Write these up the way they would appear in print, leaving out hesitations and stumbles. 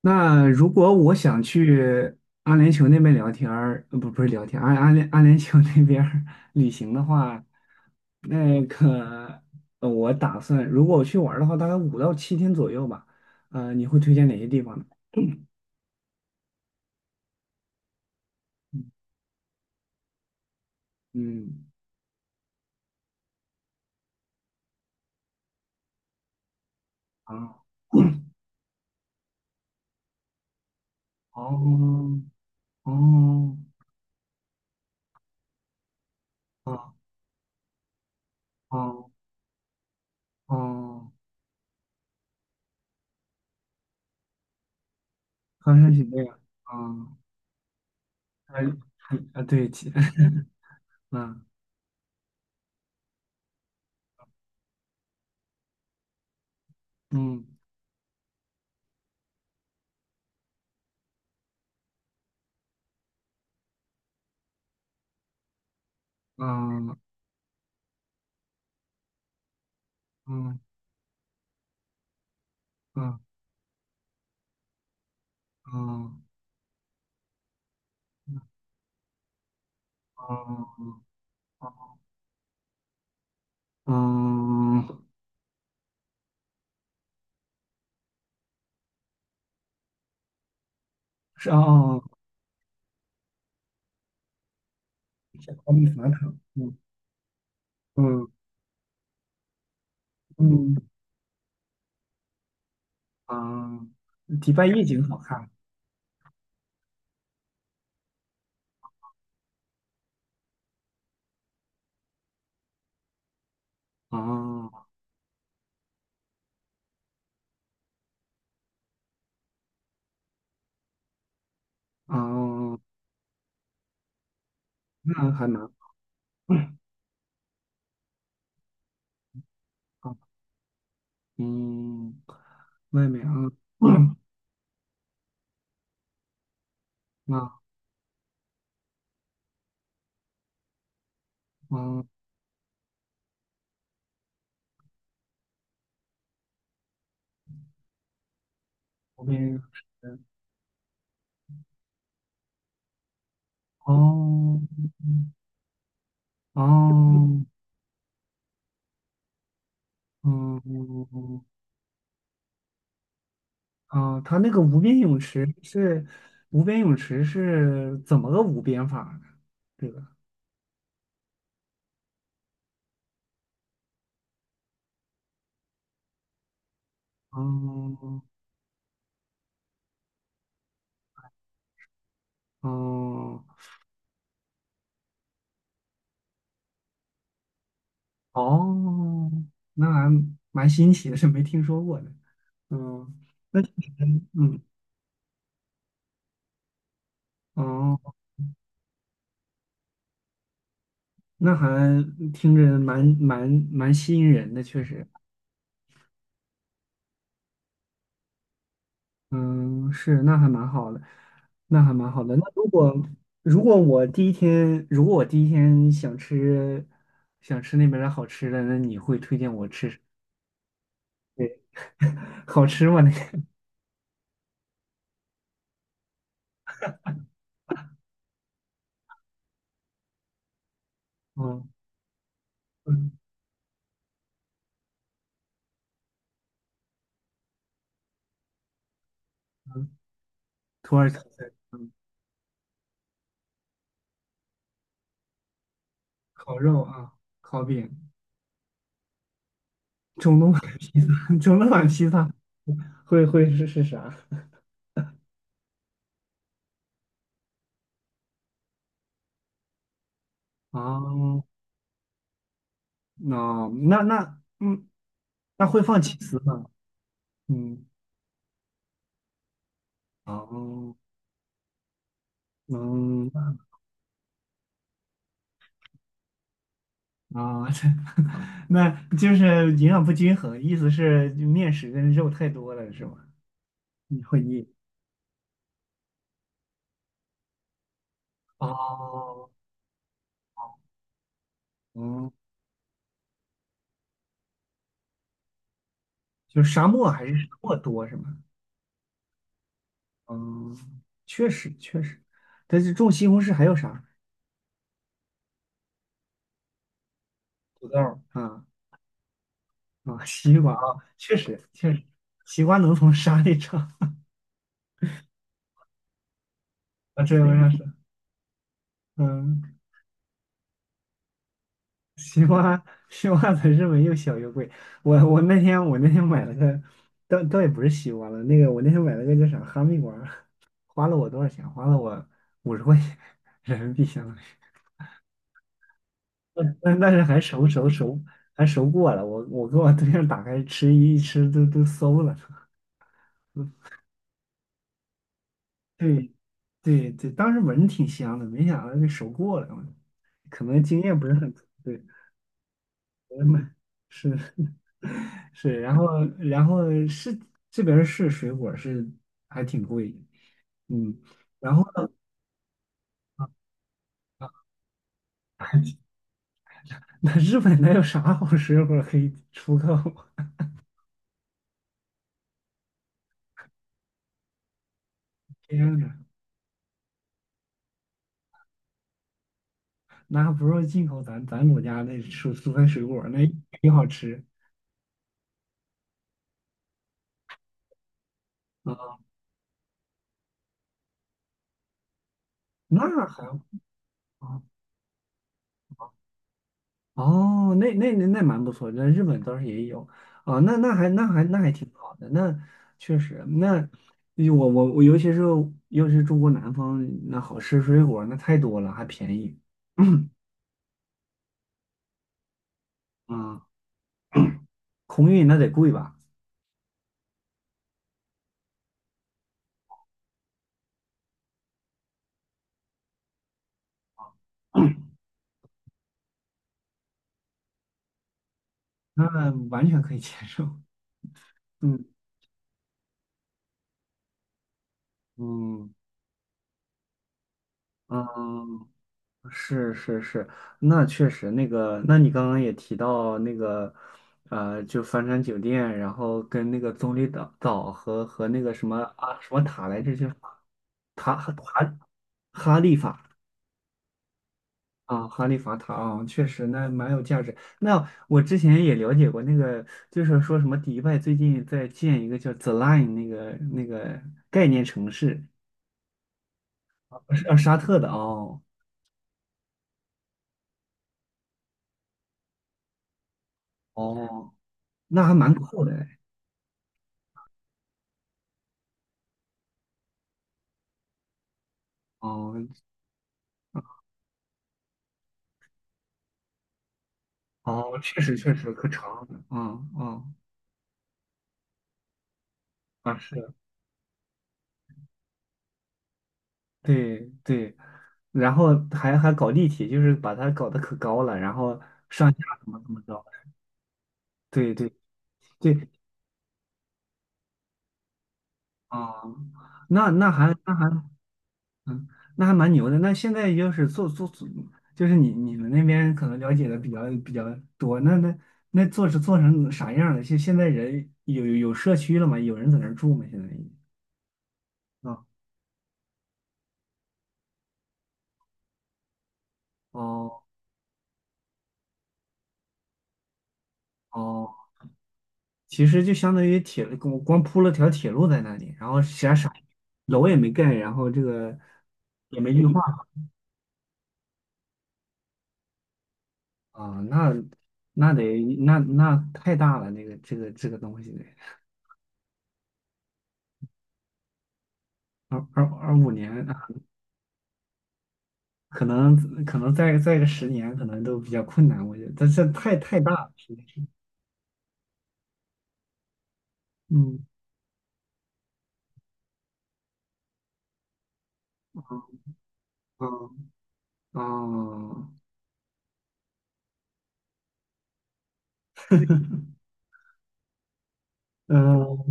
那如果我想去阿联酋那边聊天儿，不是聊天，阿联酋那边儿 旅行的话，那个我打算如果我去玩儿的话，大概5到7天左右吧。你会推荐哪些地方呢？嗯，啊，哦，哦，哦，哦，哦，好像是这样，啊，还对，嗯嗯嗯嗯嗯嗯嗯。嗯，是哦，是阿姆斯特嗯嗯嗯嗯，迪拜夜景好看，哦哦，那还蛮，嗯好嗯，外面啊，嗯啊啊，旁边面是哦哦嗯啊，它那个无边泳池是怎么个无边法呢？这个，哦哦。哦，那还蛮新奇的，是没听说过的。嗯，那嗯，哦，那还听着蛮吸引人的，确实。嗯，是，那还蛮好的，那还蛮好的。那如果我第一天，想吃那边的好吃的，那你会推荐我吃什么 好吃吗？嗯嗯嗯，土耳其菜，嗯，烤肉啊，烤饼，中东版披萨，中东版披萨。会是啥啊？那那那嗯，那会放起司吗？嗯，哦，嗯啊，那就是营养不均衡，意思是面食跟肉太多了是吗？你会腻哦，嗯，就是沙漠还是沙漠多是吗？嗯，确实确实，但是种西红柿还有啥？土豆儿啊啊，西瓜啊，确实确实，西瓜能从沙里长啊，这有啥说？嗯。西瓜 西瓜才是没又小又贵。我那天买了个，倒也不是西瓜了，那个我那天买了个叫啥哈密瓜，花了我多少钱？花了我50块钱人民币，相当于。但是还熟过了，我跟我对象打开吃一吃都馊了。嗯对对对，当时闻着挺香的，没想到给熟过了，可能经验不是很足。对，我买是。是，然后然后是这边儿水果儿是还挺贵的，嗯，然后呢，那日本那有啥好水果儿可以出口？天呐，那不如进口咱国家那蔬菜水果儿，那也好吃啊，那还好。哦，那蛮不错那日本倒是也有啊，那还挺好的，那确实，那我尤其是中国南方，那好吃水果那太多了，还便宜，啊，空运那得贵吧？那完全可以接受，嗯嗯嗯，是是是，那确实那个，那你刚刚也提到那个，就帆船酒店，然后跟那个棕榈岛和那个什么啊什么塔来着，叫塔哈塔哈利法哈利法塔啊，确实那蛮有价值。那我之前也了解过那个，就是说什么迪拜最近在建一个叫 The Line 那个概念城市，是啊沙特的哦哦，那还蛮酷的哎哦，哦，确实确实可长了，嗯嗯啊是，对对，然后还搞立体，就是把它搞得可高了，然后上下怎么着，对对对，啊、那那还那还嗯那还蛮牛的，那现在就是做，就是你们那边可能了解的比较多，那做成啥样了？现在人有社区了吗？有人在那儿住吗？现在已经啊哦哦。哦其实就相当于铁路，光铺了条铁路在那里，然后其他啥楼也没盖，然后这个也没绿化啊，那那得那那太大了，那个这个东西得二五年，啊可能可能再个10年，可能都比较困难，我觉得这大了，实在是嗯嗯哦嗯呃，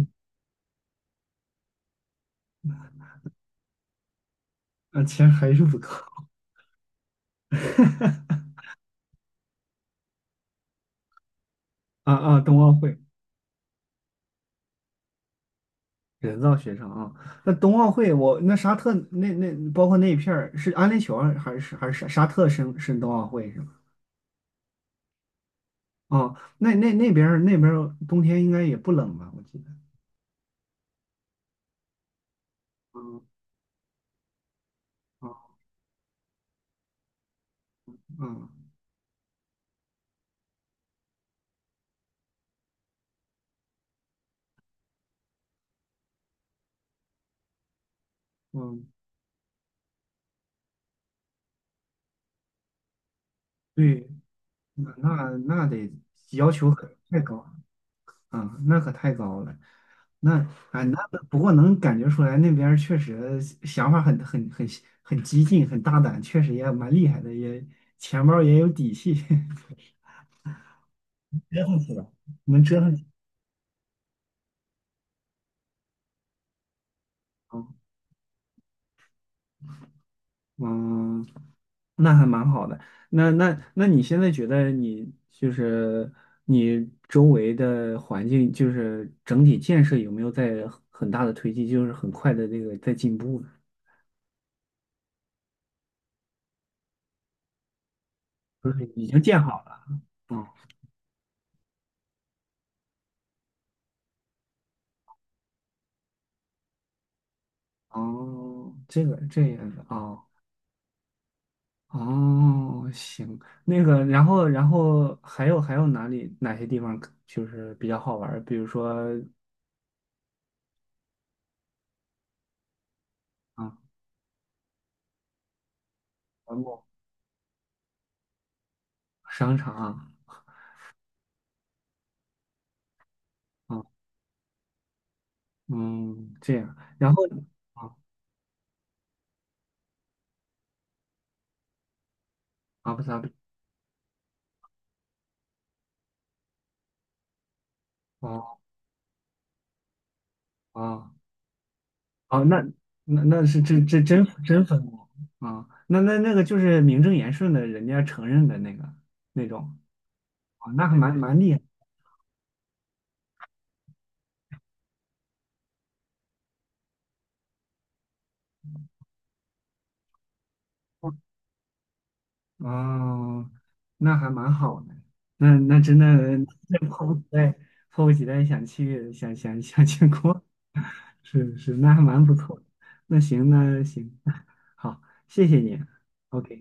钱还是不够 啊啊，冬奥会人造雪场啊，那冬奥会我那沙特那包括那一片儿是安联酋还是沙特申冬奥会是吗？哦，那边儿那边儿冬天应该也不冷吧？我记得。嗯嗯嗯嗯，对，那得要求可太高了，嗯，那可太高了。那啊，那不过能感觉出来那边儿确实想法很激进，很大胆，确实也蛮厉害的，也钱包儿也有底气。折腾死了，能折腾嗯，嗯那还蛮好的。那你现在觉得你就是你周围的环境，就是整体建设有没有在很大的推进，就是很快的这个在进步呢？就是已经建好了。嗯，哦，这个这样的哦哦，行，那个，然后还有哪些地方就是比较好玩儿？比如说啊，嗯文物商场啊。嗯嗯，这样，然后啊，阿布扎比，哦哦哦，那是真分国啊，那个就是名正言顺的，人家承认的那个那种，哦，那还蛮厉害，哦，那还蛮好的，那那真的那迫不及待，迫不及待想去过，是是，那还蛮不错的，那行那行，好，谢谢你，OK。